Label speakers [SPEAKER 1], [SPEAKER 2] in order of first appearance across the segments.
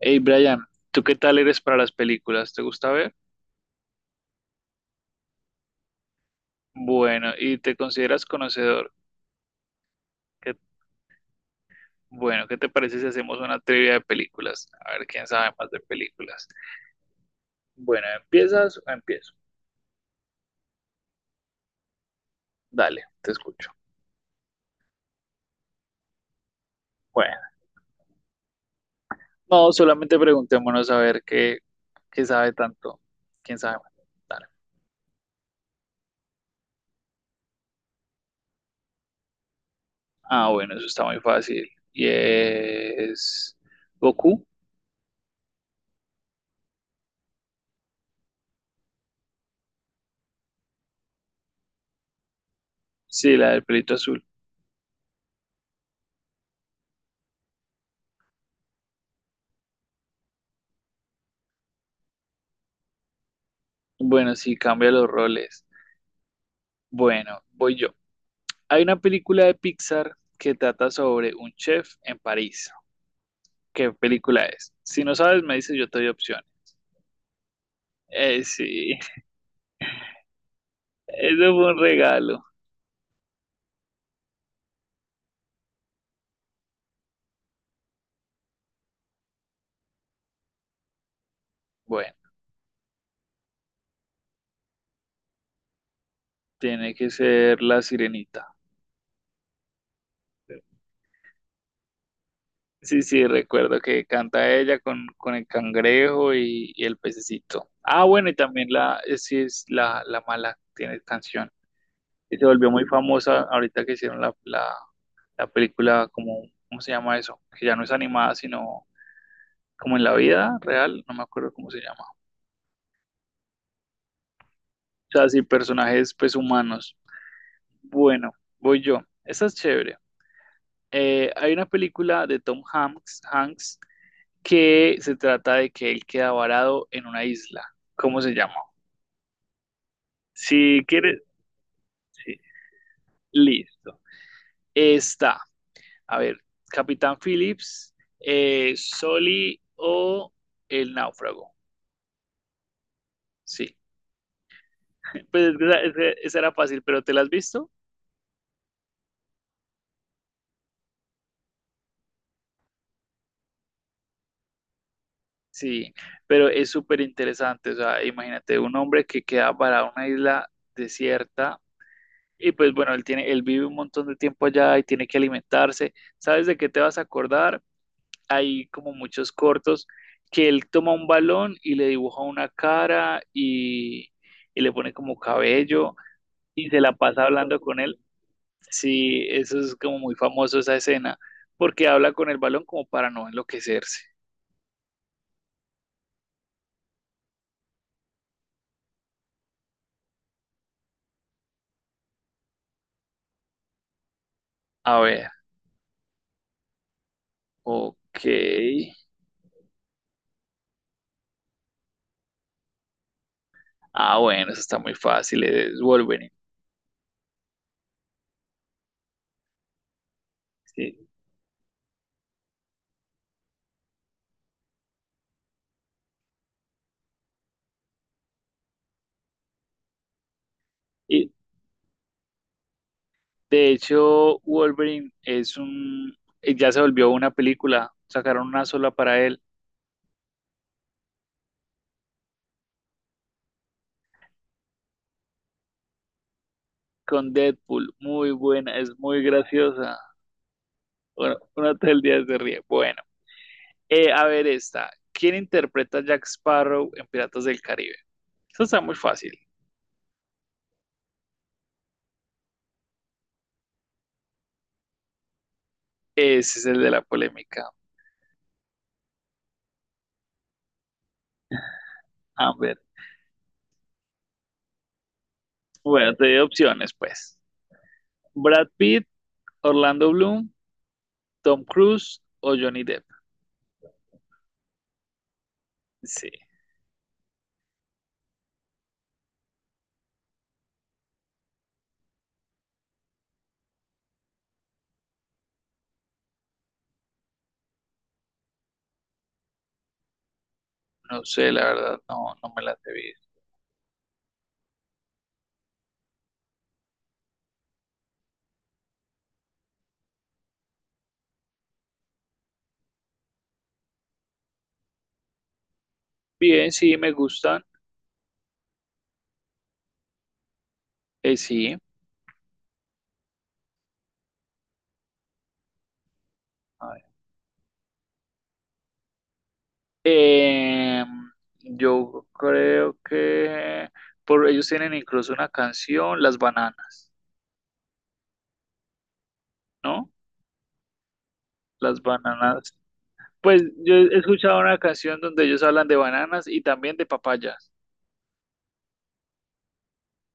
[SPEAKER 1] Hey Brian, ¿tú qué tal eres para las películas? ¿Te gusta ver? Bueno, ¿y te consideras conocedor? ¿Qué- bueno, ¿qué te parece si hacemos una trivia de películas? A ver quién sabe más de películas. Bueno, ¿empiezas o empiezo? Dale, te escucho. Bueno, no, solamente preguntémonos a ver qué sabe tanto. ¿Quién sabe más? Dale. Ah, bueno, eso está muy fácil. Y es Goku, sí, la del pelito azul. Bueno, sí, cambia los roles. Bueno, voy yo. Hay una película de Pixar que trata sobre un chef en París. ¿Qué película es? Si no sabes, me dices, yo te doy opciones. Sí, eso fue un regalo. Bueno, tiene que ser La Sirenita. Sí, sí, recuerdo que canta ella con el cangrejo y el pececito. Ah, bueno, y también sí, es la mala, tiene canción. Y se volvió muy famosa ahorita que hicieron la película, como, ¿cómo se llama eso? Que ya no es animada, sino como en la vida real, no me acuerdo cómo se llama. O sea, sí, personajes pues humanos. Bueno, voy yo. Esta es chévere. Hay una película de Hanks que se trata de que él queda varado en una isla. ¿Cómo se llama? Si quieres, sí, listo. Está, a ver, Capitán Phillips, Soli o El Náufrago. Sí, pues es que esa era fácil, pero ¿te la has visto? Sí, pero es súper interesante, o sea, imagínate un hombre que queda para una isla desierta y pues bueno, él tiene, él vive un montón de tiempo allá y tiene que alimentarse. ¿Sabes de qué te vas a acordar? Hay como muchos cortos que él toma un balón y le dibuja una cara y le pone como cabello y se la pasa hablando con él. Sí, eso es como muy famoso esa escena, porque habla con el balón como para no enloquecerse. A ver, ok. Ah, bueno, eso está muy fácil, es Wolverine. Sí. Y de hecho, ya se volvió una película, sacaron una sola para él con Deadpool, muy buena, es muy graciosa. Bueno, uno todo el día se ríe. Bueno, a ver esta. ¿Quién interpreta a Jack Sparrow en Piratas del Caribe? Eso está muy fácil. Ese es el de la polémica. A ver, bueno, te doy opciones, pues. Brad Pitt, Orlando Bloom, Tom Cruise o Johnny Depp. Sí. No sé, la verdad, no, no me las he visto. Bien, sí, me gustan. Sí. A ver. Eh, yo creo que por ellos tienen incluso una canción, Las Bananas, ¿no? Las bananas. Pues yo he escuchado una canción donde ellos hablan de bananas y también de papayas.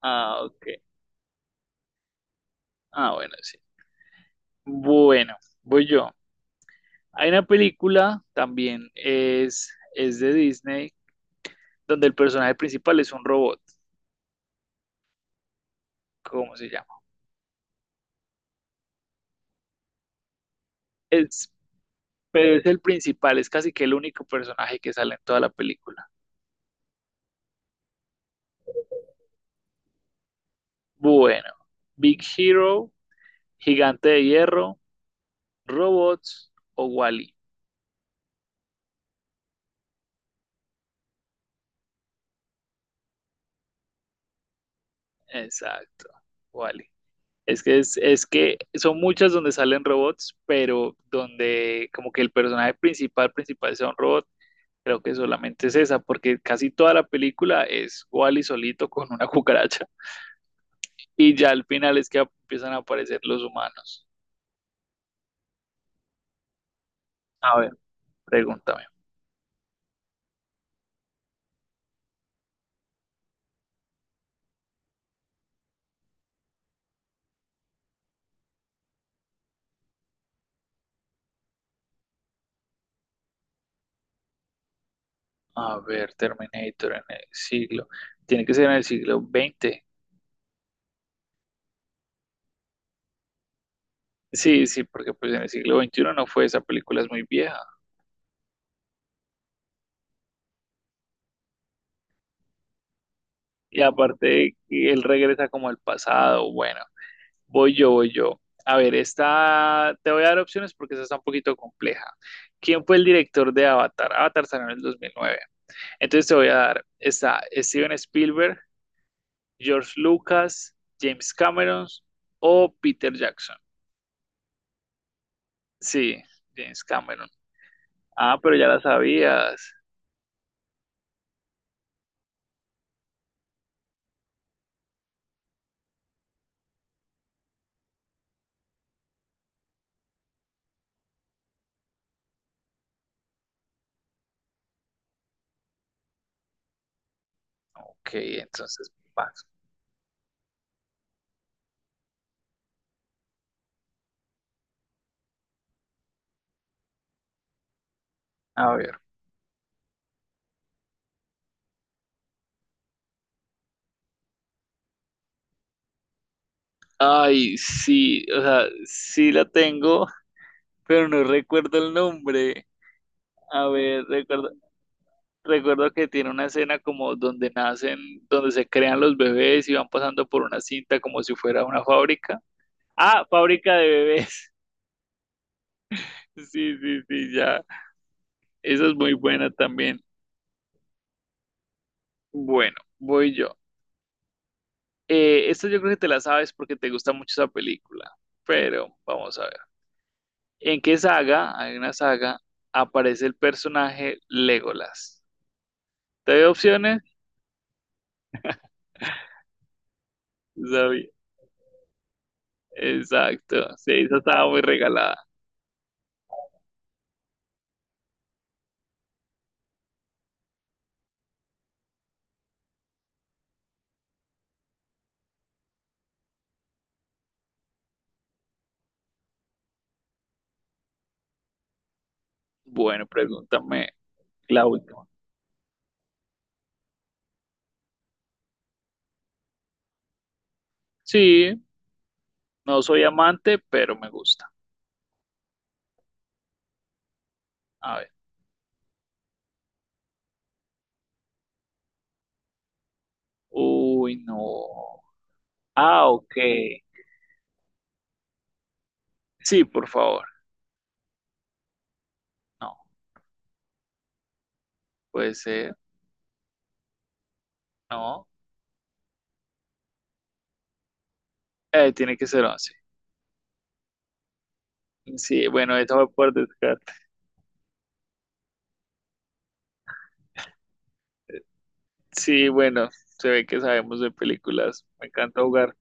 [SPEAKER 1] Ah, ok. Ah, bueno, sí. Bueno, voy yo. Hay una película también, es de Disney, donde el personaje principal es un robot. ¿Cómo se llama? Es pero es el principal, es casi que el único personaje que sale en toda la película. Bueno, Big Hero, Gigante de Hierro, Robots o Wall-E. Exacto, Wall-E. Es que, es que son muchas donde salen robots, pero donde como que el personaje principal sea un robot, creo que solamente es esa, porque casi toda la película es Wall-E solito con una cucaracha y ya al final es que empiezan a aparecer los humanos. A ver, pregúntame. A ver, Terminator en el siglo. Tiene que ser en el siglo XX. Sí, sí, porque pues en el siglo XXI no fue, esa película es muy vieja. Y aparte, él regresa como al pasado. Bueno, voy yo. A ver, esta te voy a dar opciones porque esta está un poquito compleja. ¿Quién fue el director de Avatar? Avatar salió en el 2009. Entonces te voy a dar, está Steven Spielberg, George Lucas, James Cameron o Peter Jackson. Sí, James Cameron. Ah, pero ya la sabías. Ok, entonces vas. A ver. Ay, sí, o sea, sí la tengo, pero no recuerdo el nombre. A ver, recuerdo que tiene una escena como donde nacen, donde se crean los bebés y van pasando por una cinta como si fuera una fábrica. Ah, fábrica de bebés. Sí, sí, sí, ya. Esa es muy buena también. Bueno, voy yo. Esta yo creo que te la sabes porque te gusta mucho esa película, pero vamos a ver. ¿En qué saga? Hay una saga, aparece el personaje Legolas. ¿Te doy opciones? Sabía. Exacto. Sí, esa estaba muy regalada. Bueno, pregúntame la última. Sí, no soy amante, pero me gusta. A ver. Uy, no. Ah, ok. Sí, por favor. No, puede ser. No. Tiene que ser 11. Sí, bueno, eso fue por descarte. Sí, bueno, se ve que sabemos de películas. Me encanta jugar.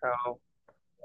[SPEAKER 1] Chao.